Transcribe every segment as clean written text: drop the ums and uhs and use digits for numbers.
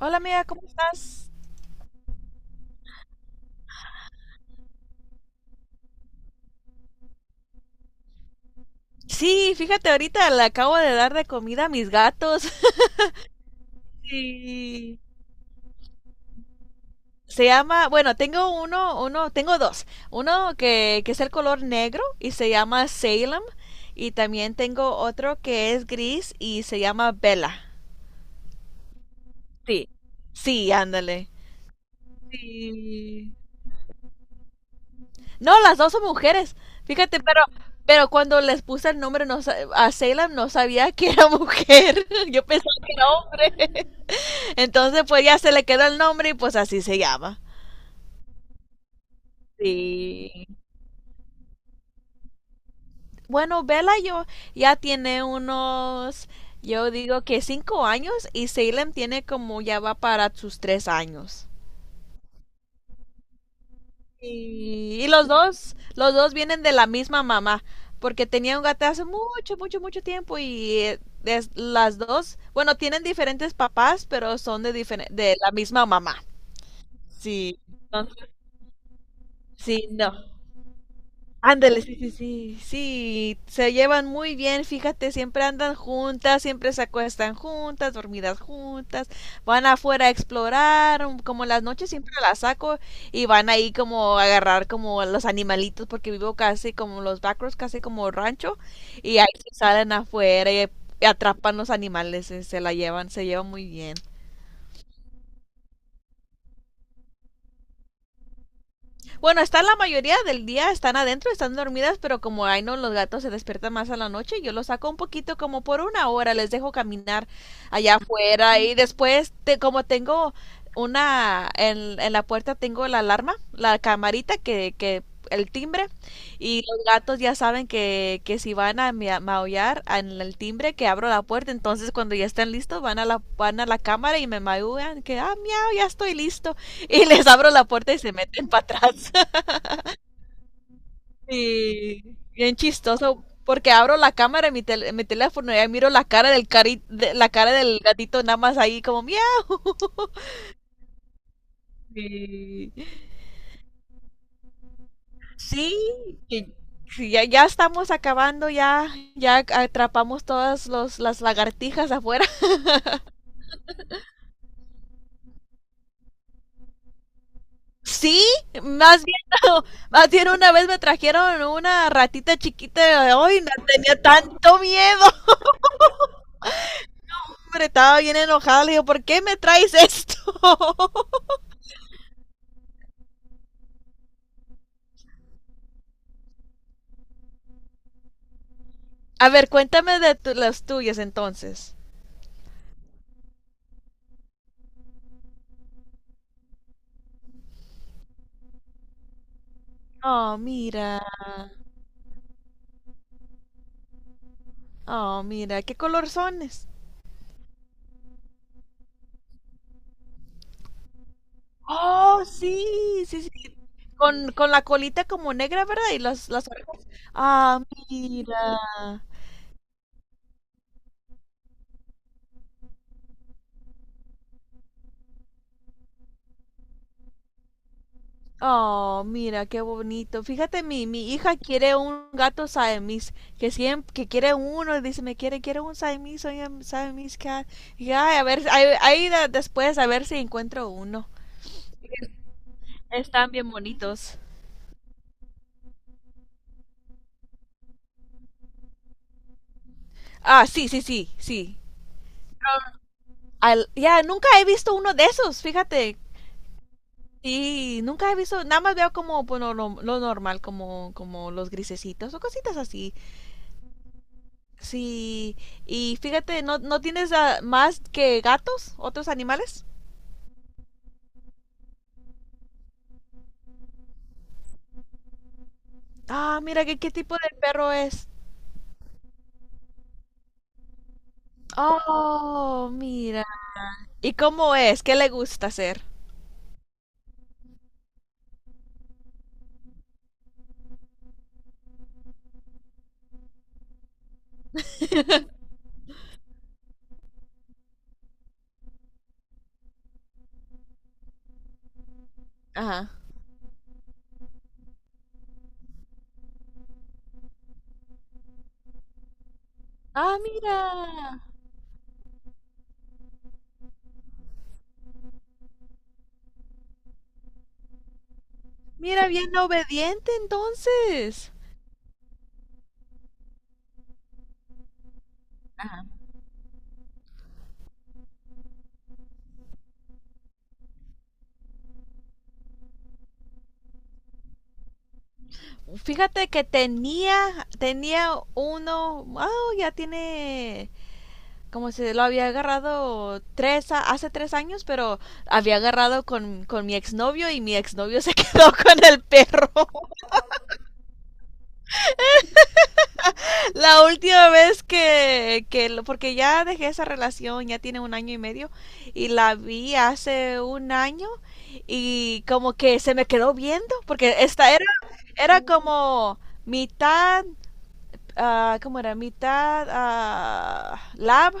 Hola amiga, ¿cómo estás? Sí, fíjate, ahorita le acabo de dar de comida a mis gatos. Y se llama, bueno, tengo dos. Uno que es el color negro y se llama Salem, y también tengo otro que es gris y se llama Bella. Sí, sí, ándale. Sí. No, las dos son mujeres. Fíjate, pero cuando les puse el nombre a Salem no sabía que era mujer. Yo pensaba que era hombre. Entonces, pues ya se le quedó el nombre y pues así se llama. Sí. Bueno, Bella yo ya tiene unos, yo digo que 5 años, y Salem tiene como ya va para sus 3 años. Y los dos vienen de la misma mamá, porque tenía un gato hace mucho, mucho, mucho tiempo, y las dos, bueno, tienen diferentes papás, pero son de la misma mamá. Sí. Entonces, sí, no. Ándale, sí, sí, sí, sí, se llevan muy bien, fíjate, siempre andan juntas, siempre se acuestan juntas, dormidas juntas, van afuera a explorar. Como las noches siempre las saco, y van ahí como a agarrar como a los animalitos, porque vivo casi como los backroads, casi como rancho, y ahí se salen afuera y atrapan los animales, se la llevan, se llevan muy bien. Bueno, están la mayoría del día, están adentro, están dormidas, pero como ay no, los gatos se despiertan más a la noche. Yo los saco un poquito como por una hora, les dejo caminar allá afuera, y después, como tengo en la puerta tengo la alarma, la camarita que el timbre, y los gatos ya saben que si van a maullar en el timbre, que abro la puerta. Entonces cuando ya están listos, van a la cámara, y me maullan que ah, miau, ya estoy listo, y les abro la puerta y se meten para atrás. Sí, bien chistoso, porque abro la cámara en en mi teléfono, y ahí miro la cara del cari de- la cara del gatito, nada más ahí como miau. Sí, sí, y- sí, ya, ya estamos acabando, ya, ya atrapamos todas las lagartijas afuera. Sí, más bien, más bien una vez me trajeron una ratita chiquita, hoy no tenía tanto miedo. Hombre, estaba bien enojada, le digo, ¿por qué me traes esto? A ver, cuéntame de las tuyas entonces. Oh, mira. Oh, mira, qué color sones. Oh, sí, sí, sí. Con la colita como negra, ¿verdad? Y las orejas. Ah, mira. Oh, mira, qué bonito. Fíjate, mi hija quiere un gato Siamese, que siempre, que quiere uno, y dice, me quiere, quiere un Siamese, oye, Siamese cat. Y ay, a ver, después a ver si encuentro uno. Están bien bonitos. Ah, sí, sí, sí, sí. Ya, nunca he visto uno de esos, fíjate. Sí, nunca he visto, nada más veo como bueno, lo normal, como los grisecitos o cositas así. Sí, y fíjate, ¿no, no tienes más que gatos, otros animales? Ah, mira, ¿qué tipo de perro es? Oh, mira. ¿Y cómo es? ¿Qué le gusta hacer? Ajá. Ah, mira. Mira, bien obediente entonces. Fíjate que tenía uno, oh, ya tiene, como si lo había agarrado hace 3 años, pero había agarrado con mi exnovio, y mi exnovio se quedó con el perro. La última vez porque ya dejé esa relación, ya tiene un año y medio, y la vi hace un año, y como que se me quedó viendo, porque esta era como mitad ¿cómo era? Mitad lab.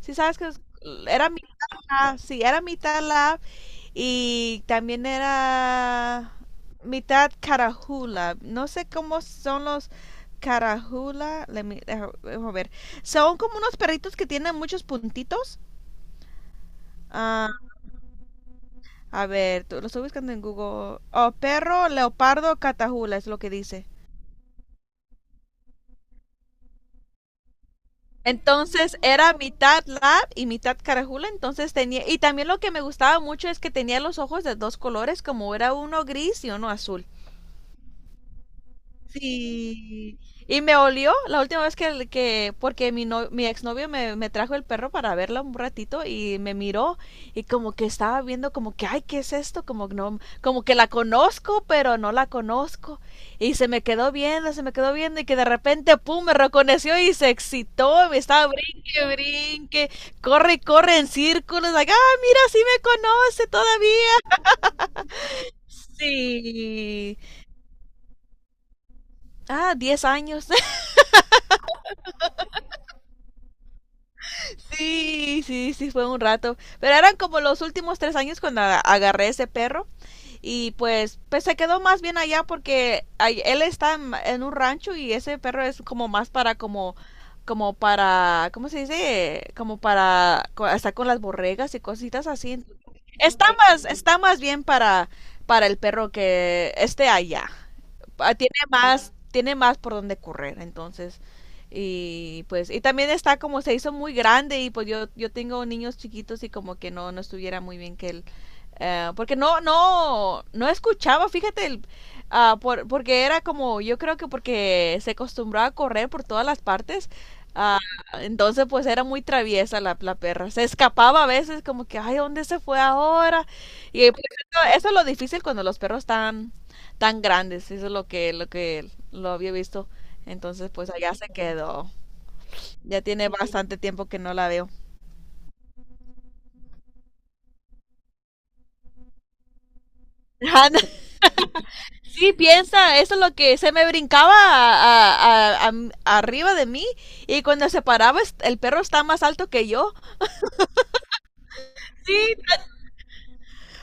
Si sabes era mitad lab, sí, era mitad lab, y también era mitad carajula. No sé cómo son los carajula. Déjame ver. Son como unos perritos que tienen muchos puntitos. Ah, a ver, lo estoy buscando en Google. Oh, perro leopardo, catajula es lo que dice. Entonces era mitad lab y mitad carajula, entonces tenía, y también lo que me gustaba mucho es que tenía los ojos de dos colores, como era uno gris y uno azul. Sí. Y me olió la última vez que porque mi, no, mi exnovio me trajo el perro para verla un ratito, y me miró, y como que estaba viendo como que, ay, ¿qué es esto? Como que no, como que la conozco, pero no la conozco. Y se me quedó viendo, se me quedó viendo, y que de repente, pum, me reconoció y se excitó, me estaba brinque, brinque, corre, corre en círculos, like, ah, mira, sí me conoce todavía. Sí. Ah, 10 años. Sí, sí, sí, fue un rato. Pero eran como los últimos 3 años cuando agarré ese perro, y pues, se quedó más bien allá, porque él está en un rancho, y ese perro es como más para como para, ¿cómo se dice? Como para estar con las borregas y cositas así. Está más bien para el perro que esté allá. Ah, Tiene más por donde correr, entonces. Y pues, y también está como se hizo muy grande, y pues yo tengo niños chiquitos, y como que no, no estuviera muy bien que él porque no, no, no escuchaba, fíjate, porque era como, yo creo que porque se acostumbraba a correr por todas las partes. ah, entonces pues era muy traviesa la perra, se escapaba a veces como que, ay, ¿dónde se fue ahora? Y pues, eso es lo difícil cuando los perros están tan grandes, eso es lo que lo había visto. Entonces pues allá se quedó, ya tiene bastante tiempo que no la veo. Sí, piensa, eso es lo que se me brincaba arriba de mí, y cuando se paraba el perro está más alto que yo. Sí,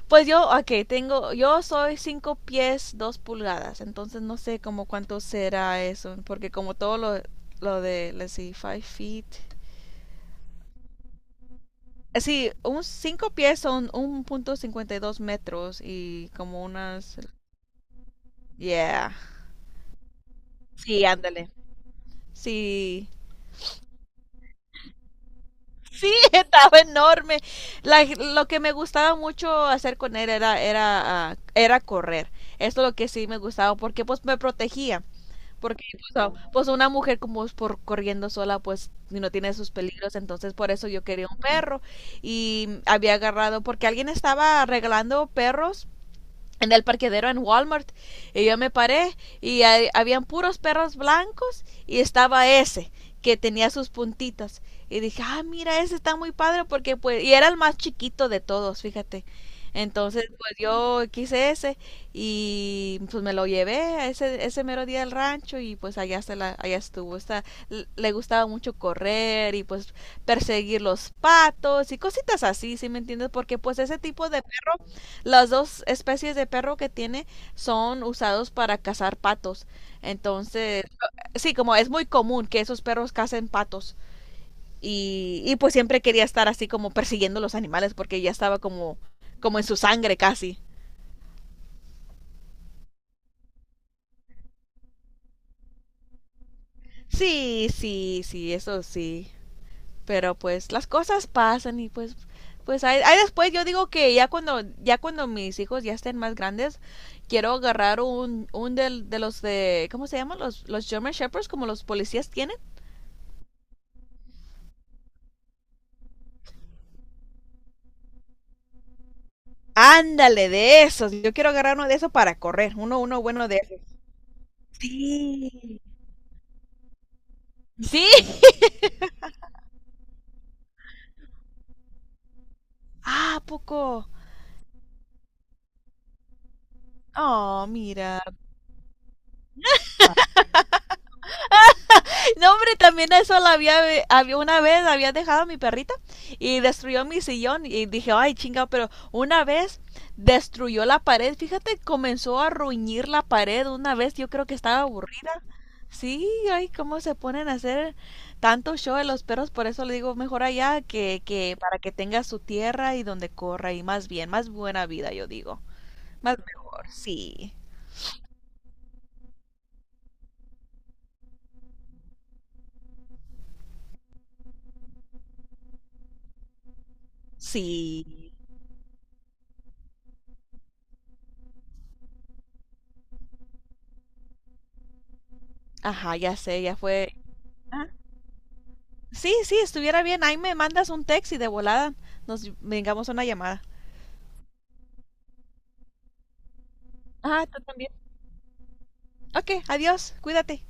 pues yo, ok, yo soy 5 pies 2 pulgadas, entonces no sé como cuánto será eso, porque como todo lo, de, let's see, five feet. Sí, un 5 pies son 1,52 metros y como unas, yeah. Sí, ándale. Sí, sí, estaba enorme. La- lo que me gustaba mucho hacer con él era, era correr. Esto es lo que sí me gustaba, porque pues me protegía. Porque pues, pues, una mujer como es por corriendo sola, pues y no tiene sus peligros. Entonces por eso yo quería un perro. Y había agarrado porque alguien estaba regalando perros en el parqueadero en Walmart, y yo me paré, y habían puros perros blancos, y estaba ese que tenía sus puntitas, y dije, ah, mira, ese está muy padre porque pues, y era el más chiquito de todos, fíjate. Entonces, pues yo quise ese, y pues me lo llevé a ese mero día al rancho, y pues allá allá estuvo. Le gustaba mucho correr, y pues perseguir los patos y cositas así, ¿sí me entiendes? Porque pues ese tipo de perro, las dos especies de perro que tiene son usados para cazar patos. Entonces, sí, como es muy común que esos perros cacen patos. Y pues siempre quería estar así como persiguiendo los animales, porque ya estaba como en su sangre casi. Sí, sí, sí, eso sí. Pero pues las cosas pasan, y pues ahí, después yo digo que ya cuando mis hijos ya estén más grandes, quiero agarrar un del, de los de ¿cómo se llaman? Los German Shepherds, como los policías tienen. Ándale, de esos. Yo quiero agarrar uno de esos para correr, uno bueno de esos. Sí. Sí. Ah, ¿a poco? Oh, mira. No, hombre, también eso la había, había una vez había dejado a mi perrita y destruyó mi sillón, y dije, ay, chinga. Pero una vez destruyó la pared, fíjate, comenzó a ruñir la pared una vez, yo creo que estaba aburrida. Sí, ay, cómo se ponen a hacer tanto show de los perros. Por eso le digo, mejor allá, que para que tenga su tierra y donde corra, y más bien, más buena vida, yo digo. Más mejor, sí, sí. Ajá, ya sé, ya fue. Sí, sí, estuviera bien. Ahí me mandas un text y de volada nos vengamos a una llamada. Ah, tú también. Ok, adiós, cuídate.